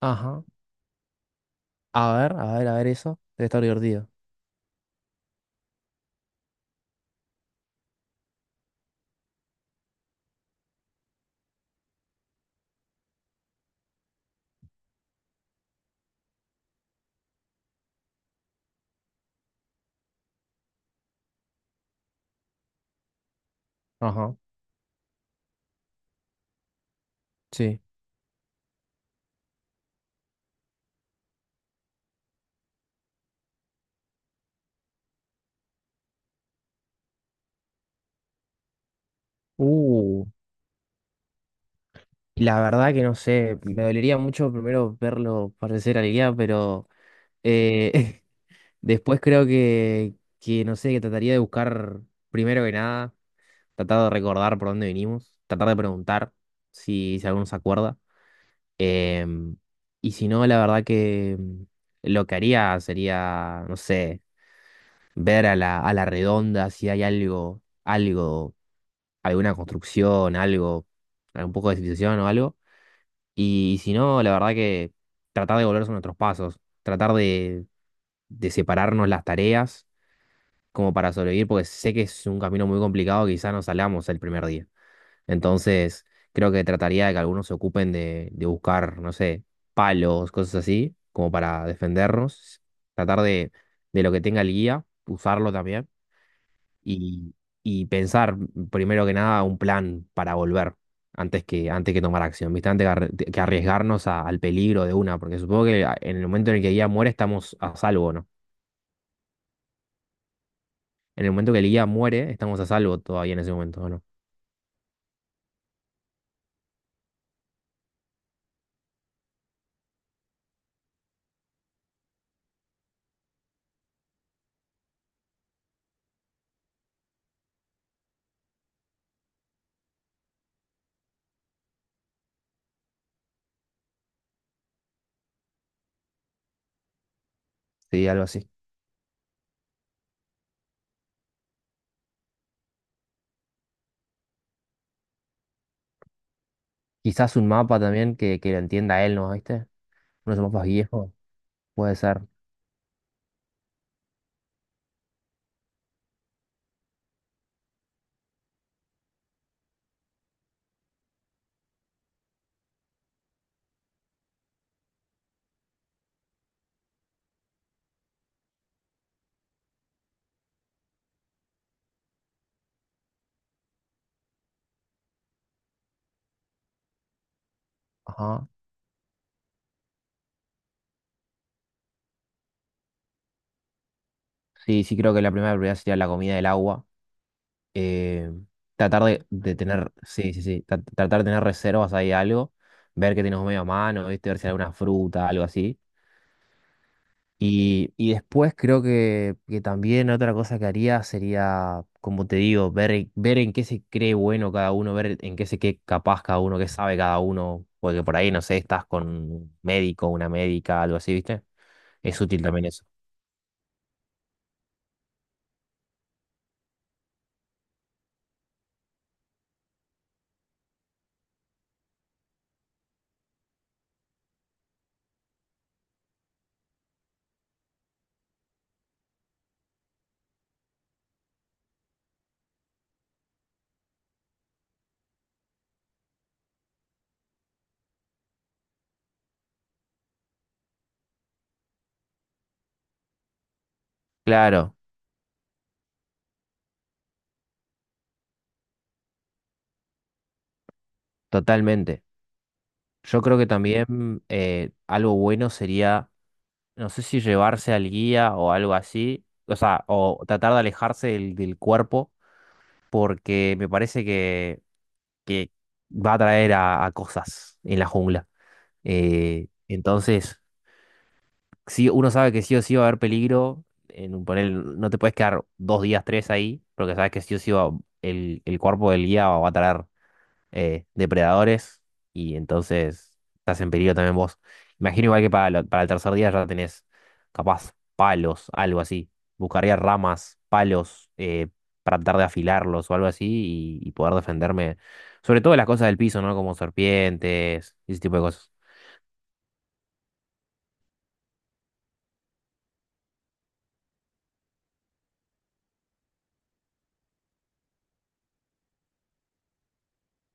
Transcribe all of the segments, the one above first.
Ajá. A ver, a ver, a ver eso. Debe estar divertido. Ajá. Sí. Uh, la verdad que no sé. Me dolería mucho primero verlo parecer al guía, pero eh, después creo que, no sé, que trataría de buscar, primero que nada, tratar de recordar por dónde vinimos, tratar de preguntar si alguno se acuerda. Em, y si no, la verdad que lo que haría sería, no sé, ver a la redonda si hay algo, alguna construcción, algo, un poco de civilización o algo. Y, si no, la verdad que tratar de volverse a nuestros pasos, tratar de separarnos las tareas como para sobrevivir, porque sé que es un camino muy complicado, quizá no salgamos el primer día. Entonces, creo que trataría de que algunos se ocupen de buscar, no sé, palos, cosas así, como para defendernos, tratar de lo que tenga el guía, usarlo también y, y pensar primero que nada un plan para volver antes que tomar acción, ¿viste? Antes que arriesgarnos al peligro de una, porque supongo que en el momento en el que el guía muere estamos a salvo, ¿no? En el momento que el guía muere estamos a salvo todavía en ese momento, ¿no? Sí, algo así. Quizás un mapa también que lo entienda él, ¿no? ¿Viste? Unos mapas viejos, puede ser. Ajá. Sí, sí, creo que la primera prioridad sería la comida y el agua. eh, Tratar de tener, sí, sí, sí, tratar de tener reservas ahí algo, ver que tenemos medio a mano, ¿viste? Ver si hay alguna fruta, algo así. Y después creo que también otra cosa que haría sería, como te digo, ver en qué se cree bueno cada uno, ver en qué se cree capaz cada uno, qué sabe cada uno, porque por ahí, no sé, estás con un médico, una médica, algo así, ¿viste? Es útil también eso. Claro, totalmente. Yo creo que también algo bueno sería no sé si llevarse al guía o algo así, o sea, o tratar de alejarse del cuerpo, porque me parece que va a traer a cosas en la jungla. Entonces, sí, uno sabe que sí o sí va a haber peligro, en un panel no te puedes quedar dos días, tres ahí, porque sabes que sí o sí el cuerpo del guía va a traer depredadores y entonces estás en peligro también vos. Imagino igual que para el tercer día ya tenés capaz palos, algo así. Buscaría ramas, palos, para tratar de afilarlos o algo así y poder defenderme. Sobre todo de las cosas del piso, ¿no? Como serpientes y ese tipo de cosas.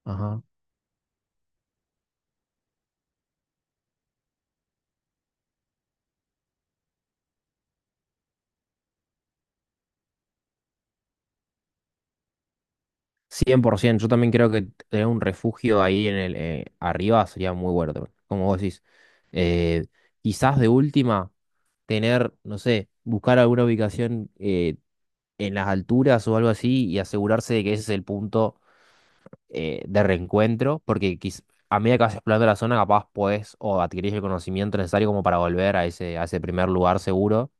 Ajá. 100%, yo también creo que tener un refugio ahí en el arriba sería muy bueno también, como vos decís. Eh, Quizás de última tener, no sé, buscar alguna ubicación en las alturas o algo así y asegurarse de que ese es el punto de reencuentro, porque a medida que vas explorando la zona capaz podés o adquirís el conocimiento necesario como para volver a ese primer lugar seguro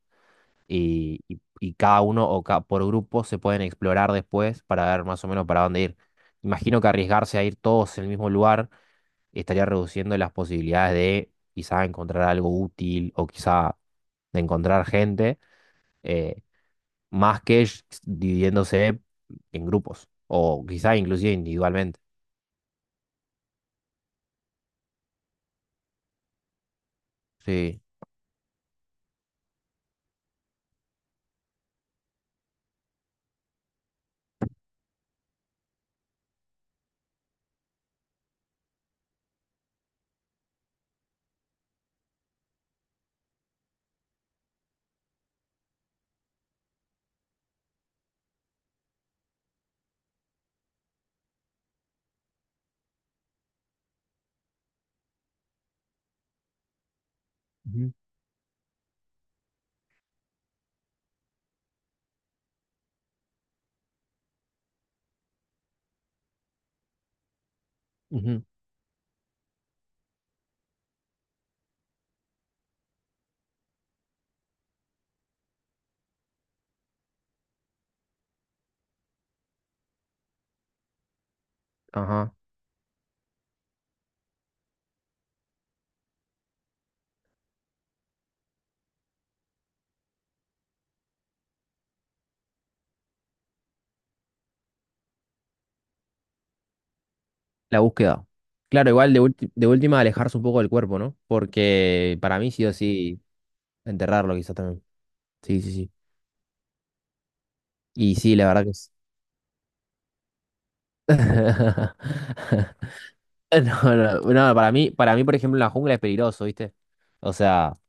y cada uno por grupo se pueden explorar después para ver más o menos para dónde ir. Imagino que arriesgarse a ir todos en el mismo lugar estaría reduciendo las posibilidades de quizá encontrar algo útil o quizá de encontrar gente, eh, más que dividiéndose en grupos o quizá inclusive individualmente. Sí. Ujú, ujú, ajá. La búsqueda. Claro, igual de última alejarse un poco del cuerpo, ¿no? Porque para mí sí o sí enterrarlo quizá también. Sí, sí, sí. Y sí, la verdad que es. No, no, no, para mí, por ejemplo, la jungla es peligroso, ¿viste? O sea,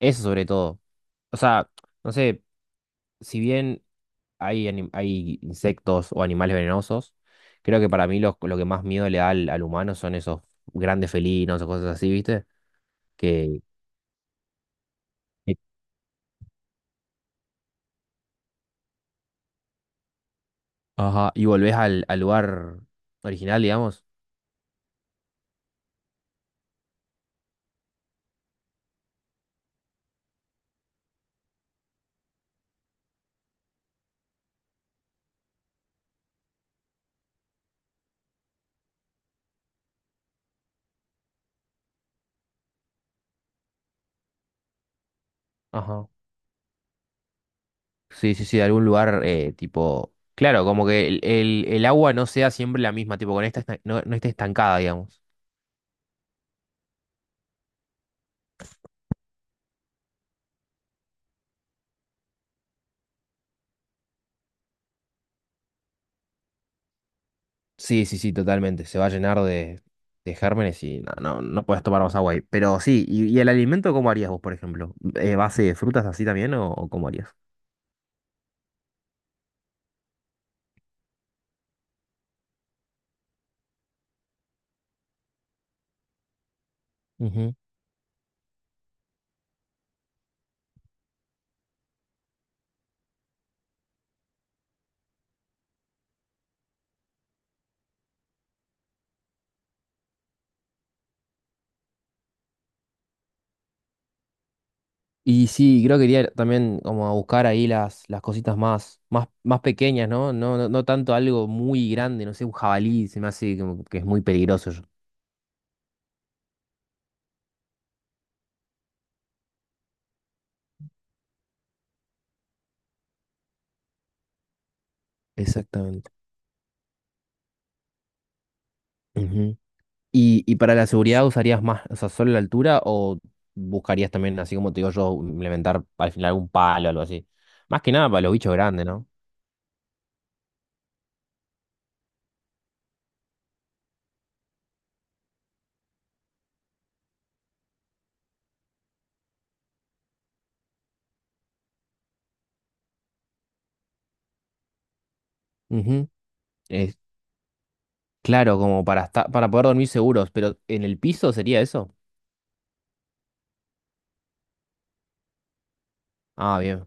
eso sobre todo. O sea, no sé, si bien hay insectos o animales venenosos, creo que para mí lo que más miedo le da al humano son esos grandes felinos o cosas así, ¿viste? Que, que- ajá, y volvés al lugar original, digamos. Ajá. Sí, sí, sí, de algún lugar tipo. Claro, como que el agua no sea siempre la misma, tipo, no, no esté estancada, digamos. Sí, sí, sí, totalmente. Se va a llenar de gérmenes y no, no, no puedes tomar más agua ahí. Pero sí, y el alimento cómo harías vos, por ejemplo? ¿Base de frutas así también o cómo harías? Ujú. Y sí, creo que iría también como a buscar ahí las cositas más, más, más pequeñas, ¿no? No, no, no tanto algo muy grande, no sé, un jabalí, se me hace como que es muy peligroso yo. Exactamente. ¿Y para la seguridad usarías más, o sea, solo la altura o buscarías también, así como te digo yo, implementar al final algún palo o algo así? Más que nada para los bichos grandes, ¿no? Ujú. Es claro, como para estar, para poder dormir seguros, pero ¿en el piso sería eso? Ah, bien.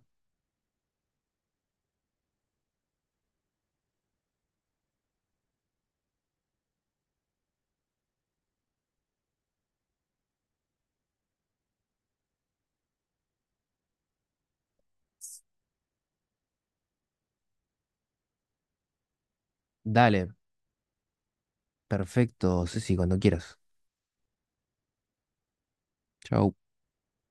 Dale, perfecto, sí, sí, cuando quieras. Chau.